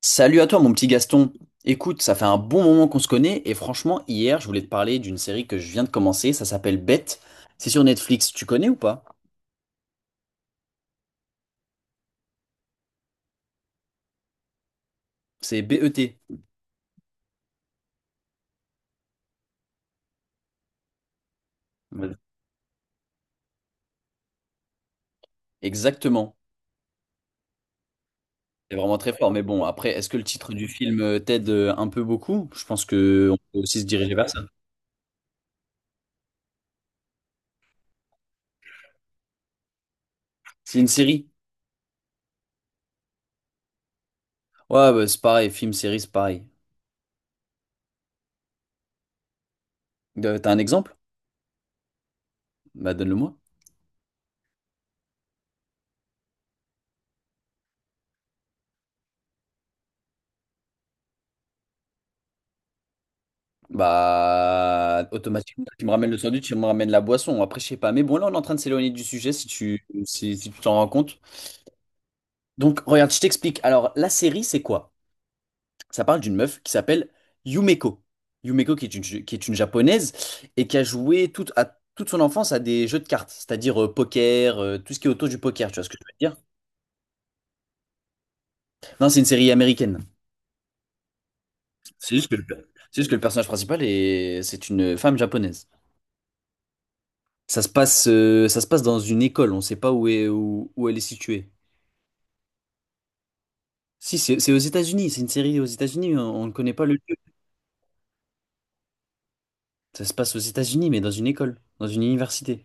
Salut à toi mon petit Gaston. Écoute, ça fait un bon moment qu'on se connaît et franchement, hier, je voulais te parler d'une série que je viens de commencer, ça s'appelle Bête. C'est sur Netflix, tu connais ou pas? C'est B-E-T. Ouais. Exactement. C'est vraiment très fort, mais bon, après, est-ce que le titre du film t'aide un peu beaucoup? Je pense que on peut aussi se diriger vers ça. C'est une série. Ouais, bah, c'est pareil, film, série, c'est pareil. T'as un exemple? Bah donne-le-moi. Bah, automatiquement, tu me ramènes le sandwich, tu me ramènes la boisson. Après, je sais pas. Mais bon, là, on est en train de s'éloigner du sujet si tu t'en rends compte. Donc, regarde, je t'explique. Alors, la série, c'est quoi? Ça parle d'une meuf qui s'appelle Yumeko. Yumeko, qui est une japonaise et qui a joué toute son enfance à des jeux de cartes, c'est-à-dire poker, tout ce qui est autour du poker. Tu vois ce que je veux dire? Non, c'est une série américaine. C'est juste que le, c'est juste que le personnage principal c'est une femme japonaise. Ça se passe dans une école, on ne sait pas où elle est située. Si, c'est aux États-Unis, c'est une série aux États-Unis, on ne connaît pas le lieu. Ça se passe aux États-Unis, mais dans une école, dans une université.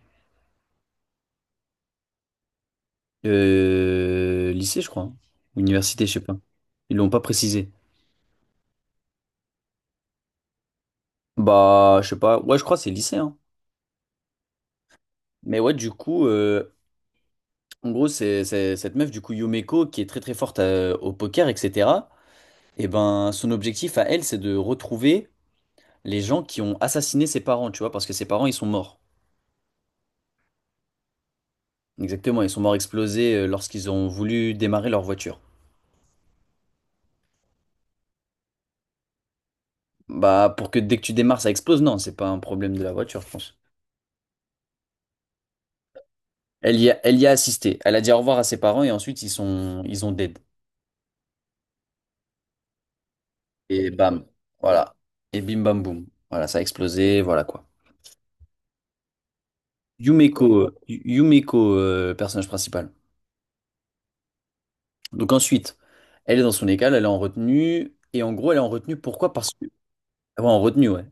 Lycée, je crois, hein. Université, je sais pas. Ils l'ont pas précisé. Bah, je sais pas. Ouais, je crois que c'est lycée, hein. Mais ouais, du coup, en gros, c'est cette meuf, du coup, Yumeko, qui est très très forte au poker, etc. Et ben, son objectif à elle, c'est de retrouver les gens qui ont assassiné ses parents, tu vois, parce que ses parents, ils sont morts. Exactement, ils sont morts explosés lorsqu'ils ont voulu démarrer leur voiture. Bah, pour que dès que tu démarres, ça explose, non, c'est pas un problème de la voiture, je pense. Elle y a assisté. Elle a dit au revoir à ses parents et ensuite ils ont dead. Et bam, voilà. Et bim bam boum. Voilà, ça a explosé, voilà quoi. Yumeko, personnage principal. Donc ensuite, elle est dans son école, elle est en retenue. Et en gros, elle est en retenue, pourquoi? Parce que. Ah, ouais, en retenue, ouais.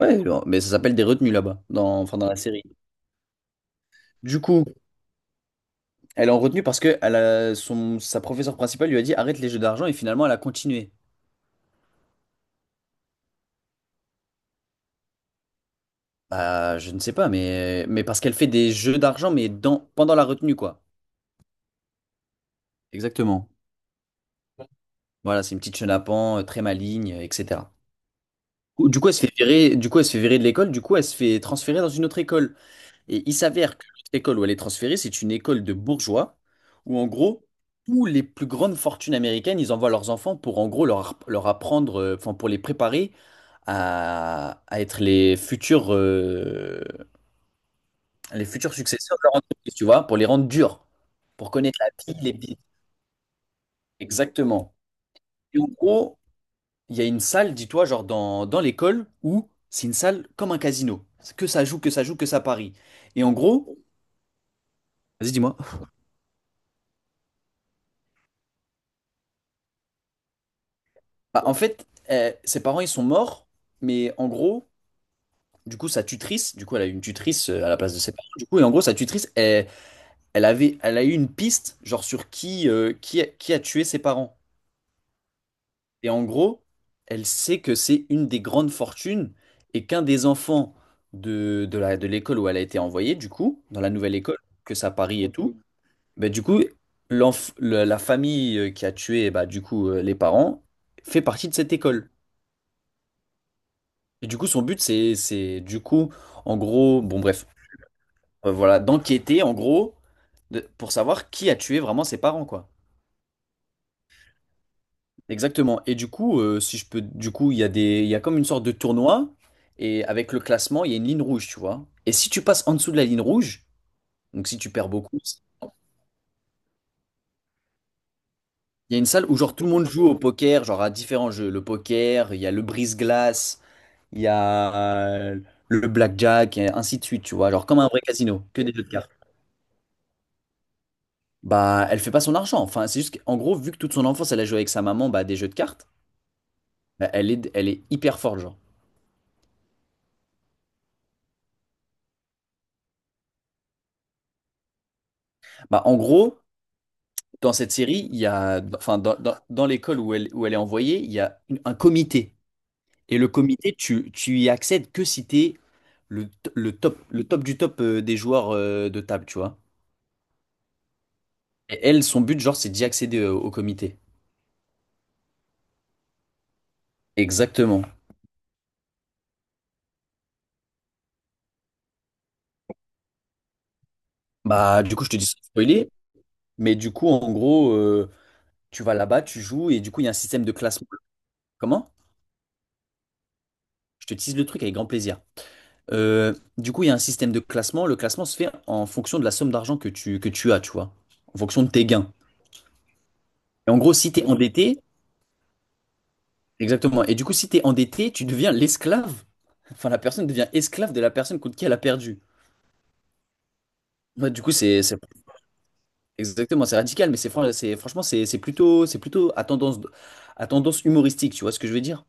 Ouais, bon, mais ça s'appelle des retenues là-bas, enfin dans la série. Du coup. Elle est en retenue parce que sa professeure principale lui a dit arrête les jeux d'argent et finalement elle a continué. Bah, je ne sais pas, mais parce qu'elle fait des jeux d'argent, mais pendant la retenue, quoi. Exactement. Voilà, c'est une petite chenapan, très maligne, etc. Du coup, elle se fait virer, du coup, elle se fait virer de l'école, du coup, elle se fait transférer dans une autre école. Et il s'avère que cette école où elle est transférée, c'est une école de bourgeois où, en gros, tous les plus grandes fortunes américaines, ils envoient leurs enfants pour, en gros, leur apprendre, enfin, pour les préparer à être les futurs successeurs de leur entreprise, tu vois, pour les rendre durs, pour connaître la vie, les petits. Exactement. Et en gros, il y a une salle, dis-toi, genre dans l'école, où c'est une salle comme un casino. Que ça joue, que ça parie. Et en gros, vas-y, dis-moi. Bah, en fait, ses parents, ils sont morts, mais en gros, du coup, sa tutrice, du coup, elle a eu une tutrice à la place de ses parents, du coup, et en gros, sa tutrice, elle a eu une piste, genre, sur qui a tué ses parents. Et en gros, elle sait que c'est une des grandes fortunes et qu'un des enfants de l'école où elle a été envoyée, du coup, dans la nouvelle école, que ça à Paris et tout, bah, du coup, la famille qui a tué, bah, du coup, les parents, fait partie de cette école. Et du coup, son but, c'est, du coup, en gros, bon, bref, voilà, d'enquêter, en gros, pour savoir qui a tué vraiment ses parents, quoi. Exactement. Et du coup, si je peux, du coup, il y a des, il y a comme une sorte de tournoi, et avec le classement, il y a une ligne rouge, tu vois. Et si tu passes en dessous de la ligne rouge, donc si tu perds beaucoup, il y a une salle où genre tout le monde joue au poker, genre à différents jeux. Le poker, il y a le brise-glace, il y a euh, le blackjack, et ainsi de suite, tu vois. Genre comme un vrai casino, que des jeux de cartes. Bah, elle fait pas son argent. Enfin, c'est juste qu'en gros, vu que toute son enfance, elle a joué avec sa maman bah, à des jeux de cartes, bah, elle est hyper forte, genre. Bah, en gros, dans cette série, enfin, dans l'école où elle est envoyée, il y a un comité. Et le comité, tu y accèdes que si t'es le top, du top des joueurs de table, tu vois. Et elle, son but, genre, c'est d'y accéder au comité. Exactement. Bah, du coup, je te dis sans spoiler, mais du coup, en gros, tu vas là-bas, tu joues, et du coup, il y a un système de classement. Comment? Je te tease le truc avec grand plaisir. Du coup, il y a un système de classement. Le classement se fait en fonction de la somme d'argent que tu as, tu vois. En fonction de tes gains. Et en gros, si tu es endetté, exactement. Et du coup, si tu es endetté, tu deviens l'esclave. Enfin, la personne devient esclave de la personne contre qui elle a perdu. Ouais, du coup, exactement, c'est radical, mais franchement, c'est plutôt à tendance humoristique, tu vois ce que je veux dire?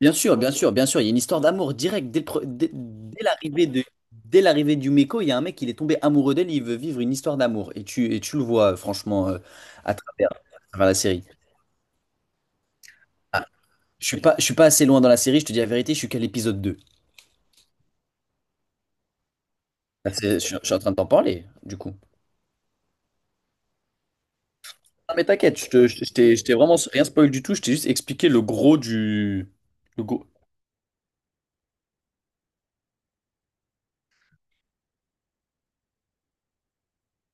Bien sûr, bien sûr, bien sûr, il y a une histoire d'amour directe. Dès le pre- dès- dès l'arrivée de, dès l'arrivée du Meco, il y a un mec, il est tombé amoureux d'elle, il veut vivre une histoire d'amour. Et tu le vois, franchement, à travers la série. Ah, je suis pas assez loin dans la série, je te dis la vérité, je suis qu'à l'épisode 2. Là, je suis en train de t'en parler, du coup. Non, mais t'inquiète, je te- je t'ai je t'ai- je t'ai vraiment rien spoil du tout, je t'ai juste expliqué le gros du... Le gros...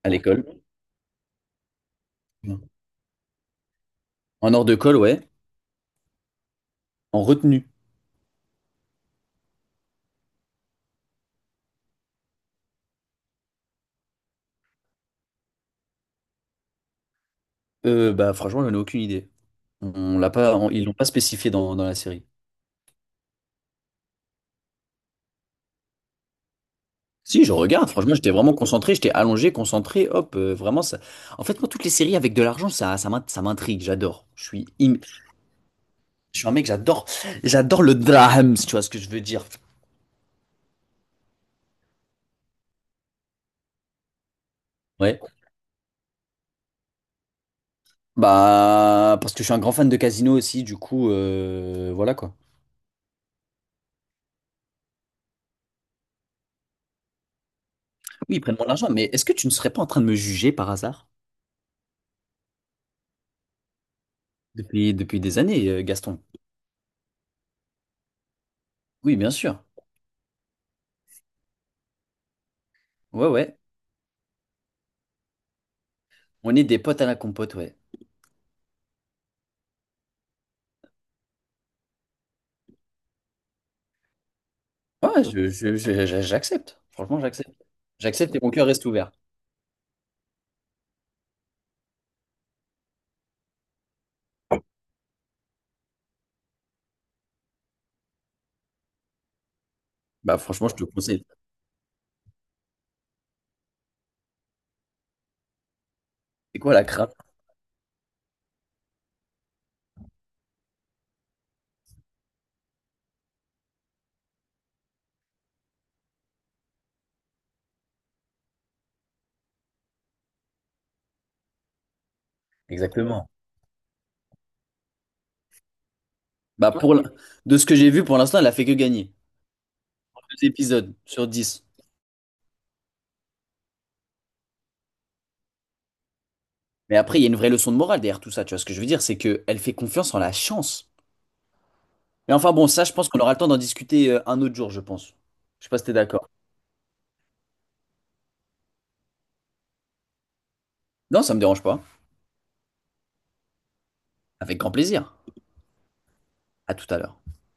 À l'école. En hors de colle, ouais. En retenue. Bah, franchement, j'en ai aucune idée. On l'a pas, on- Ils l'ont pas spécifié dans la série. Si, je regarde, franchement, j'étais vraiment concentré, j'étais allongé, concentré, hop, vraiment, ça... En fait, moi, toutes les séries avec de l'argent, ça m'intrigue, j'adore. Je suis un mec, j'adore le drame, si tu vois ce que je veux dire. Ouais. Bah, parce que je suis un grand fan de casino aussi, du coup, voilà quoi. Oui, ils prennent mon argent, mais est-ce que tu ne serais pas en train de me juger par hasard? Depuis des années, Gaston. Oui, bien sûr. Ouais, ouais. On est des potes à la compote, ouais. Ouais, j'accepte. Franchement, j'accepte. J'accepte et mon cœur reste ouvert. Bah franchement, je te conseille. C'est quoi la crap? Exactement. Bah, ouais, de ce que j'ai vu pour l'instant, elle a fait que gagner. 2 épisodes sur 10. Mais après, il y a une vraie leçon de morale derrière tout ça. Tu vois ce que je veux dire, c'est que elle fait confiance en la chance. Mais enfin bon, ça, je pense qu'on aura le temps d'en discuter un autre jour, je pense. Je sais pas si t'es d'accord. Non, ça me dérange pas. Avec grand plaisir. À tout à l'heure.